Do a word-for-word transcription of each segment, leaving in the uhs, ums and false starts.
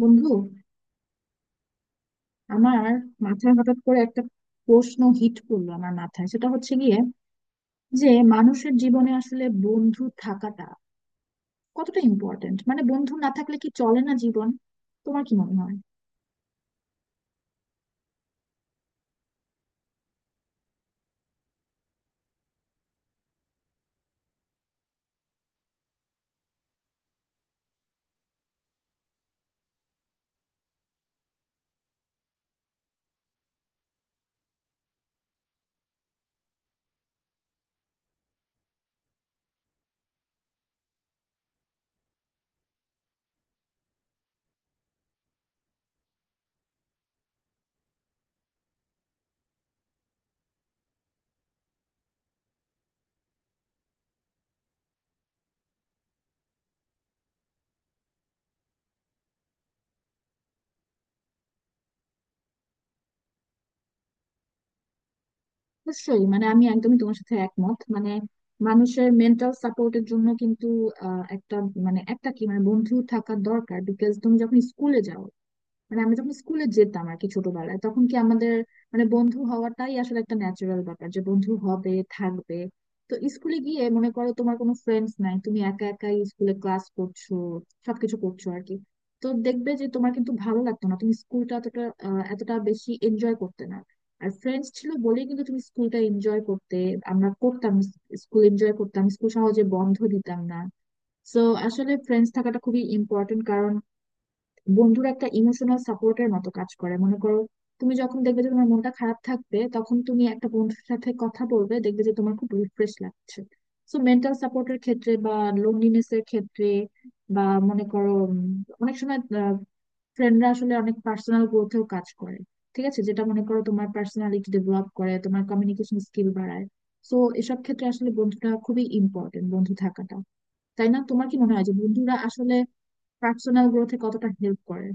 বন্ধু আমার মাথায় হঠাৎ করে একটা প্রশ্ন হিট করলো আমার মাথায়। সেটা হচ্ছে গিয়ে যে মানুষের জীবনে আসলে বন্ধু থাকাটা কতটা ইম্পর্টেন্ট, মানে বন্ধু না থাকলে কি চলে না জীবন? তোমার কি মনে হয়? নিশ্চয়ই, মানে আমি একদমই তোমার সাথে একমত। মানে মানুষের মেন্টাল সাপোর্টের জন্য কিন্তু আহ, একটা মানে একটা কি মানে বন্ধু থাকা দরকার, বিকজ তুমি যখন স্কুলে যাও, মানে আমি যখন স্কুলে যেতাম আর কি ছোটবেলায়, তখন কি আমাদের মানে বন্ধু হওয়াটাই আসলে একটা ন্যাচারাল ব্যাপার যে বন্ধু হবে, থাকবে। তো স্কুলে গিয়ে মনে করো তোমার কোনো ফ্রেন্ডস নাই, তুমি একা একাই স্কুলে ক্লাস করছো, সবকিছু করছো আর কি। তো দেখবে যে তোমার কিন্তু ভালো লাগতো না, তুমি স্কুলটা এতটা আহ, এতটা বেশি এনজয় করতে না। আর ফ্রেন্ডস ছিল বলেই কিন্তু তুমি স্কুলটা এনজয় করতে, আমরা করতাম, স্কুল এনজয় করতাম, স্কুল সহজে বন্ধ দিতাম না। সো আসলে ফ্রেন্ডস থাকাটা খুবই ইম্পর্টেন্ট। বন্ধুর একটা ইমোশনাল সাপোর্টের মতো কাজ করে, মনে করো তুমি যখন দেখবে যে তোমার মনটা খারাপ থাকবে তখন তুমি একটা বন্ধুর সাথে কথা বলবে, দেখবে যে তোমার খুব রিফ্রেশ লাগছে। সো মেন্টাল সাপোর্টের ক্ষেত্রে বা লোনলিনেস এর ক্ষেত্রে বা মনে করো, উম, অনেক সময় ফ্রেন্ডরা আসলে অনেক পার্সোনাল গ্রোথেও কাজ করে। ঠিক আছে, যেটা মনে করো তোমার পার্সোনালিটি ডেভেলপ করে, তোমার কমিউনিকেশন স্কিল বাড়ায়। সো এসব ক্ষেত্রে আসলে বন্ধুটা খুবই ইম্পর্টেন্ট, বন্ধু থাকাটা, তাই না? তোমার কি মনে হয় যে বন্ধুরা আসলে পার্সোনাল গ্রোথে কতটা হেল্প করে?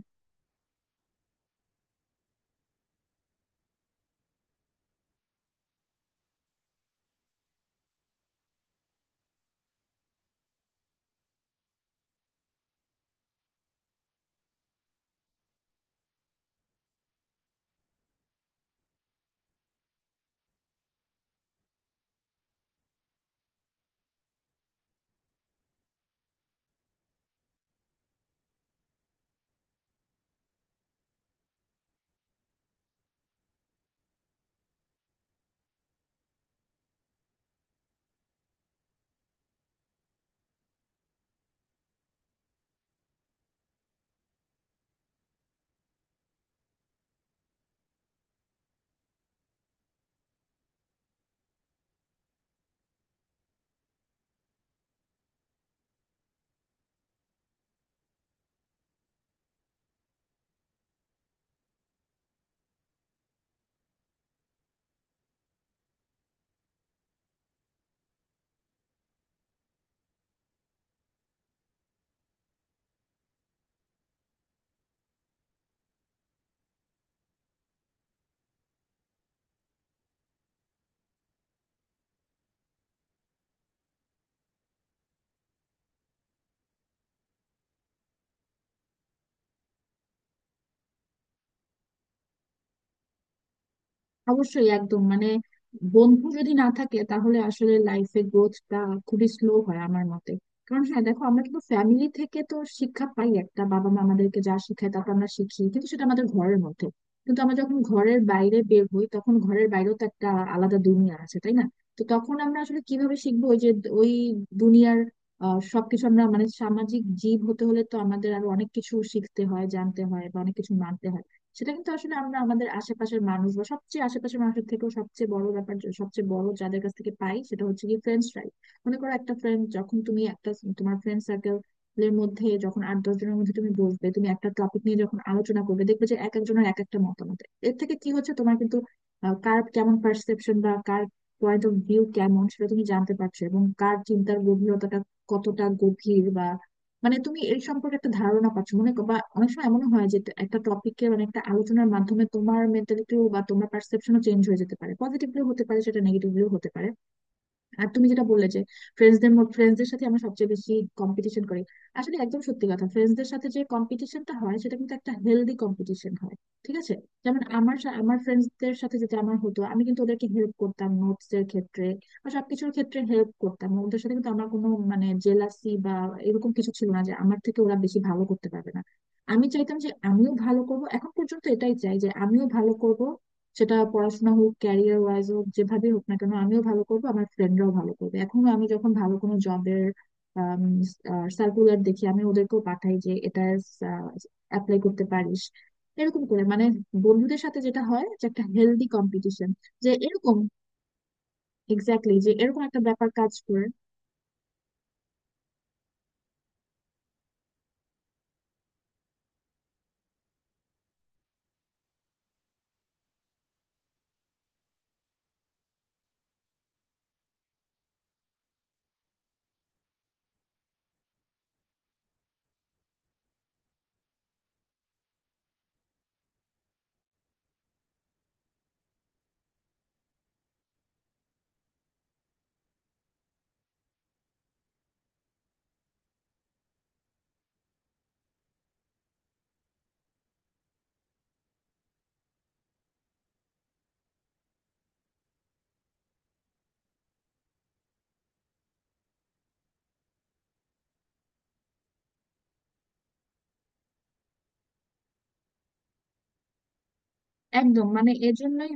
অবশ্যই, একদম মানে বন্ধু যদি না থাকে তাহলে আসলে লাইফে গ্রোথটা খুবই স্লো হয় আমার মতে। কারণ হ্যাঁ দেখো, আমরা কিন্তু ফ্যামিলি থেকে তো শিক্ষা পাই একটা, বাবা মা আমাদেরকে যা শিখায় তারপর আমরা শিখি, কিন্তু সেটা আমাদের ঘরের মধ্যে। কিন্তু আমরা যখন ঘরের বাইরে বের হই তখন ঘরের বাইরেও তো একটা আলাদা দুনিয়া আছে, তাই না? তো তখন আমরা আসলে কিভাবে শিখবো ওই যে ওই দুনিয়ার আহ, সবকিছু? আমরা মানে সামাজিক জীব হতে হলে তো আমাদের আরো অনেক কিছু শিখতে হয়, জানতে হয় বা অনেক কিছু মানতে হয়। সেটা কিন্তু আসলে আমরা আমাদের আশেপাশের মানুষ বা সবচেয়ে আশেপাশের মানুষের থেকেও সবচেয়ে বড় ব্যাপার যে- সবচেয়ে বড় যাদের কাছ থেকে পাই সেটা হচ্ছে কি ফ্রেন্ডসরাই। মনে করো একটা ফ্রেন্ড, যখন তুমি একটা তোমার ফ্রেন্ড সার্কেল এর মধ্যে যখন আট দশ জনের মধ্যে তুমি বসবে, তুমি একটা টপিক নিয়ে যখন আলোচনা করবে দেখবে যে এক একজনের এক একটা মতামত। এর থেকে কি হচ্ছে, তোমার কিন্তু আহ, কার কেমন পারসেপশন বা কার পয়েন্ট অফ ভিউ কেমন সেটা তুমি জানতে পারছো, এবং কার চিন্তার গভীরতাটা কতটা গভীর বা মানে তুমি এই সম্পর্কে একটা ধারণা পাচ্ছ। মনে কর- বা অনেক সময় এমন হয় যে একটা টপিকের মানে একটা আলোচনার মাধ্যমে তোমার মেন্টালিটিও বা তোমার পারসেপশনও চেঞ্জ হয়ে যেতে পারে, পজিটিভলিও হতে পারে সেটা, নেগেটিভলিও হতে পারে। আর তুমি যেটা বললে যে ফ্রেন্ডসদের ফ্রেন্ডসদের সাথে আমরা সবচেয়ে বেশি কম্পিটিশন করি, আসলে একদম সত্যি কথা। ফ্রেন্ডসদের সাথে যে কম্পিটিশনটা হয় সেটা কিন্তু একটা হেলদি কম্পিটিশন হয়, ঠিক আছে? যেমন আমার সা- আমার ফ্রেন্ডসদের সাথে যেটা আমার হতো, আমি কিন্তু ওদেরকে হেল্প করতাম নোটস এর ক্ষেত্রে বা সবকিছুর ক্ষেত্রে, হেল্প করতাম ওদের সাথে। কিন্তু আমার কোনো মানে জেলাসি বা এরকম কিছু ছিল না যে আমার থেকে ওরা বেশি ভালো করতে পারবে না। আমি চাইতাম যে আমিও ভালো করব, এখন পর্যন্ত এটাই চাই যে আমিও ভালো করব। সেটা পড়াশোনা হোক, ক্যারিয়ার ওয়াইজ হোক, যেভাবে হোক না কেন আমিও ভালো করবো, আমার ফ্রেন্ডরাও ভালো করবে। এখনো আমি যখন ভালো কোনো জবের সার্কুলার দেখি, আমি ওদেরকেও পাঠাই যে এটা অ্যাপ্লাই করতে পারিস। এরকম করে মানে বন্ধুদের সাথে যেটা হয় যে একটা হেলদি কম্পিটিশন, যে এরকম এক্স্যাক্টলি, যে এরকম একটা ব্যাপার কাজ করে। একদম মানে এজন্যই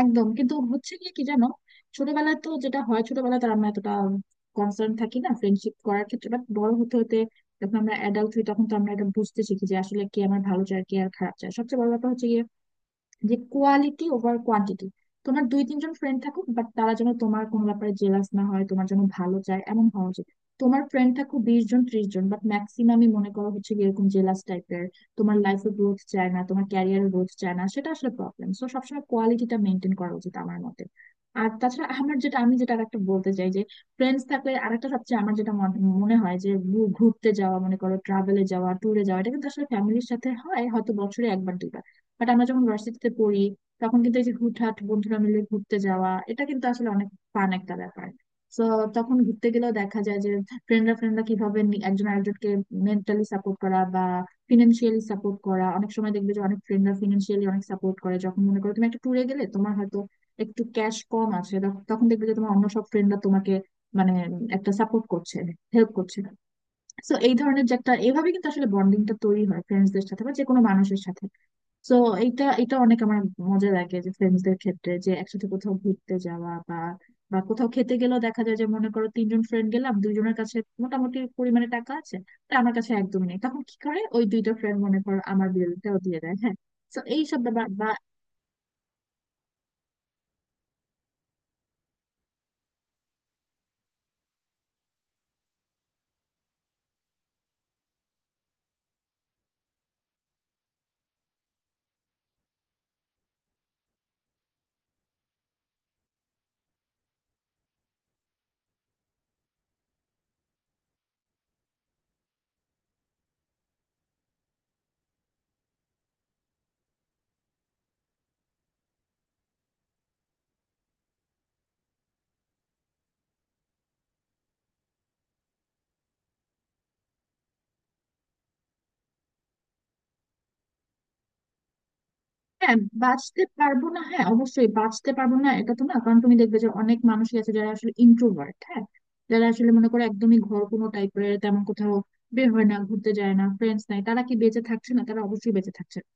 একদম, কিন্তু হচ্ছে গিয়ে কি জানো, ছোটবেলায় তো যেটা হয় ছোটবেলায় তো আমরা এতটা কনসার্ন থাকি না ফ্রেন্ডশিপ করার ক্ষেত্রে, বাট বড় হতে হতে যখন আমরা অ্যাডাল্ট হই তখন তো আমরা এটা বুঝতে শিখি যে আসলে কে আমার ভালো চায়, কে আর খারাপ চায়। সবচেয়ে বড় ব্যাপার হচ্ছে গিয়ে যে কোয়ালিটি ওভার কোয়ান্টিটি। তোমার দুই তিনজন ফ্রেন্ড থাকুক বাট তারা যেন তোমার কোনো ব্যাপারে জেলাস না হয়, তোমার জন্য ভালো চায় এমন হওয়া উচিত। তোমার ফ্রেন্ড থাকুক বিশ জন ত্রিশ জন, বাট ম্যাক্সিমামই মনে করো হচ্ছে গিয়ে এরকম জেলাস টাইপের, তোমার লাইফে গ্রোথ চায় না, তোমার ক্যারিয়ার গ্রোথ চায় না, সেটা আসলে প্রবলেম। সো সবসময় কোয়ালিটিটা মেনটেন করা উচিত আমার মতে। আর তাছাড়া আমার যেটা আমি যেটা আরেকটা বলতে চাই যে ফ্রেন্ডস থাকলে আরেকটা সবচেয়ে আমার যেটা মন- মনে হয় যে ঘু- ঘুরতে যাওয়া, মনে করো ট্রাভেলে যাওয়া, ট্যুরে যাওয়া, এটা কিন্তু আসলে ফ্যামিলির সাথে হয় হয়তো বছরে একবার দুইবার। বাট আমরা যখন ভার্সিটিতে পড়ি, তখন কিন্তু এই যে হুটহাট বন্ধুরা মিলে ঘুরতে যাওয়া, এটা কিন্তু আসলে অনেক ফান একটা ব্যাপার। তো তখন ঘুরতে গেলেও দেখা যায় যে ফ্রেন্ডরা ফ্রেন্ডরা কিভাবে নি- একজন আরেকজনকে মেন্টালি সাপোর্ট করা বা ফিনান্সিয়ালি সাপোর্ট করা। অনেক সময় দেখবে যে অনেক ফ্রেন্ডরা ফিনান্সিয়ালি অনেক সাপোর্ট করে, যখন মনে করো তুমি একটা ট্যুরে গেলে তোমার হয়তো একটু ক্যাশ কম আছে, তখ- তখন দেখবে যে তোমার অন্য সব ফ্রেন্ডরা তোমাকে মানে একটা সাপোর্ট করছে, হেল্প করছে। সো এই ধরনের যে একটা, এইভাবে কিন্তু আসলে বন্ডিংটা তৈরি হয় ফ্রেন্ডসদের সাথে বা যে কোনো মানুষের সাথে। তো এটা এটা অনেক আমার মজা লাগে যে ফ্রেন্ডসদের ক্ষেত্রে যে একসাথে কোথাও ঘুরতে যাওয়া বা বা কোথাও খেতে গেলেও দেখা যায় যে মনে করো তিনজন ফ্রেন্ড গেলাম, দুইজনের কাছে মোটামুটি পরিমাণে টাকা আছে, তা আমার কাছে একদমই নেই, তখন কি করে ওই দুইটা ফ্রেন্ড মনে করো আমার বিলটাও দিয়ে দেয়। হ্যাঁ, তো এই সব ব্যাপার বা হ্যাঁ বাঁচতে পারবো না, হ্যাঁ অবশ্যই বাঁচতে পারবো না এটা তো না। কারণ তুমি দেখবে যে অনেক মানুষই আছে যারা আসলে ইন্ট্রোভার্ট, হ্যাঁ, যারা আসলে মনে করো একদমই ঘর কোনো টাইপের, তেমন কোথাও বের হয় না, ঘুরতে যায় না, ফ্রেন্ডস নাই, তারা কি বেঁচে থাকছে না? তারা অবশ্যই বেঁচে থাকছে না।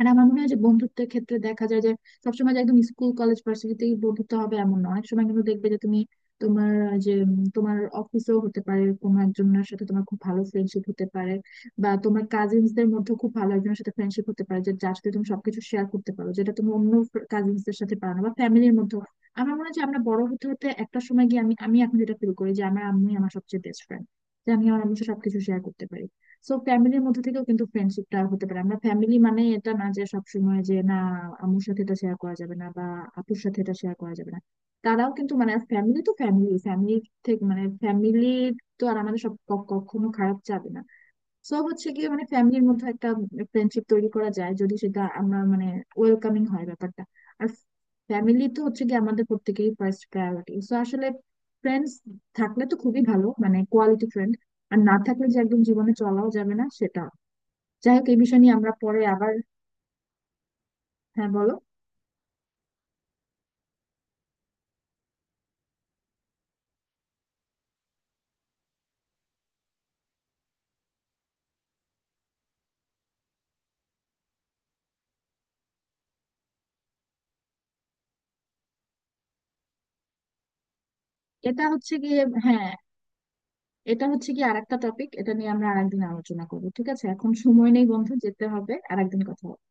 আর আমার মনে হয় যে বন্ধুত্বের ক্ষেত্রে দেখা যায় যে সবসময় যে একদম স্কুল কলেজ ভার্সিটিতেই বন্ধুত্ব হবে এমন না, অনেক সময় কিন্তু দেখবে যে তুমি তোমার আহ, যে উম, তোমার অফিসেও হতে পারে কোনো একজনের সাথে তোমার খুব ভালো ফ্রেন্ডশিপ হতে পারে, বা তোমার কাজিনস দের মধ্যে খুব ভালো একজনের সাথে ফ্রেন্ডশিপ হতে পারে, যে যার সাথে তুমি সবকিছু শেয়ার করতে পারো, যেটা তুমি অন্য কাজিনস দের সাথে পারো না বা ফ্যামিলির মধ্যে। আমার মনে হয় যে আমরা বড় হতে হতে একটা সময় গিয়ে, আমি আমি এখন যেটা ফিল করি যে আমার আম্মুই আমার সবচেয়ে বেস্ট ফ্রেন্ড, যে আমি আমার আম্মুর সাথে সবকিছু শেয়ার করতে পারি। সো ফ্যামিলির মধ্যে থেকেও কিন্তু ফ্রেন্ডশিপটা হতে পারে। আমরা ফ্যামিলি মানে এটা না যে সবসময় যে না, আম্মুর সাথে এটা শেয়ার করা যাবে না বা আপুর সাথে এটা শেয়ার করা যাবে না। তারাও কিন্তু মানে ফ্যামিলি, তো ফ্যামিলি ফ্যামিলি থেকে মানে ফ্যামিলি, তো আর আমাদের সব ক- কখনো খারাপ যাবে না। সো হচ্ছে গিয়ে মানে ফ্যামিলির মধ্যে একটা ফ্রেন্ডশিপ তৈরি করা যায়, যদি সেটা আমরা মানে ওয়েলকামিং হয় ব্যাপারটা। আর ফ্যামিলি তো হচ্ছে গিয়ে আমাদের প্রত্যেকেরই ফার্স্ট প্রায়োরিটি। সো আসলে ফ্রেন্ডস থাকলে তো খুবই ভালো, মানে কোয়ালিটি ফ্রেন্ড, আর না থাকলে যে একদম জীবনে চলাও যাবে না সেটা, যাই হোক এই বিষয় নিয়ে আমরা পরে আবার। হ্যাঁ বলো। এটা হচ্ছে গিয়ে, হ্যাঁ, এটা হচ্ছে কি আরেকটা টপিক, এটা নিয়ে আমরা আরেকদিন আলোচনা করবো, ঠিক আছে? এখন সময় নেই, বন্ধু, যেতে হবে, আরেকদিন কথা হবে।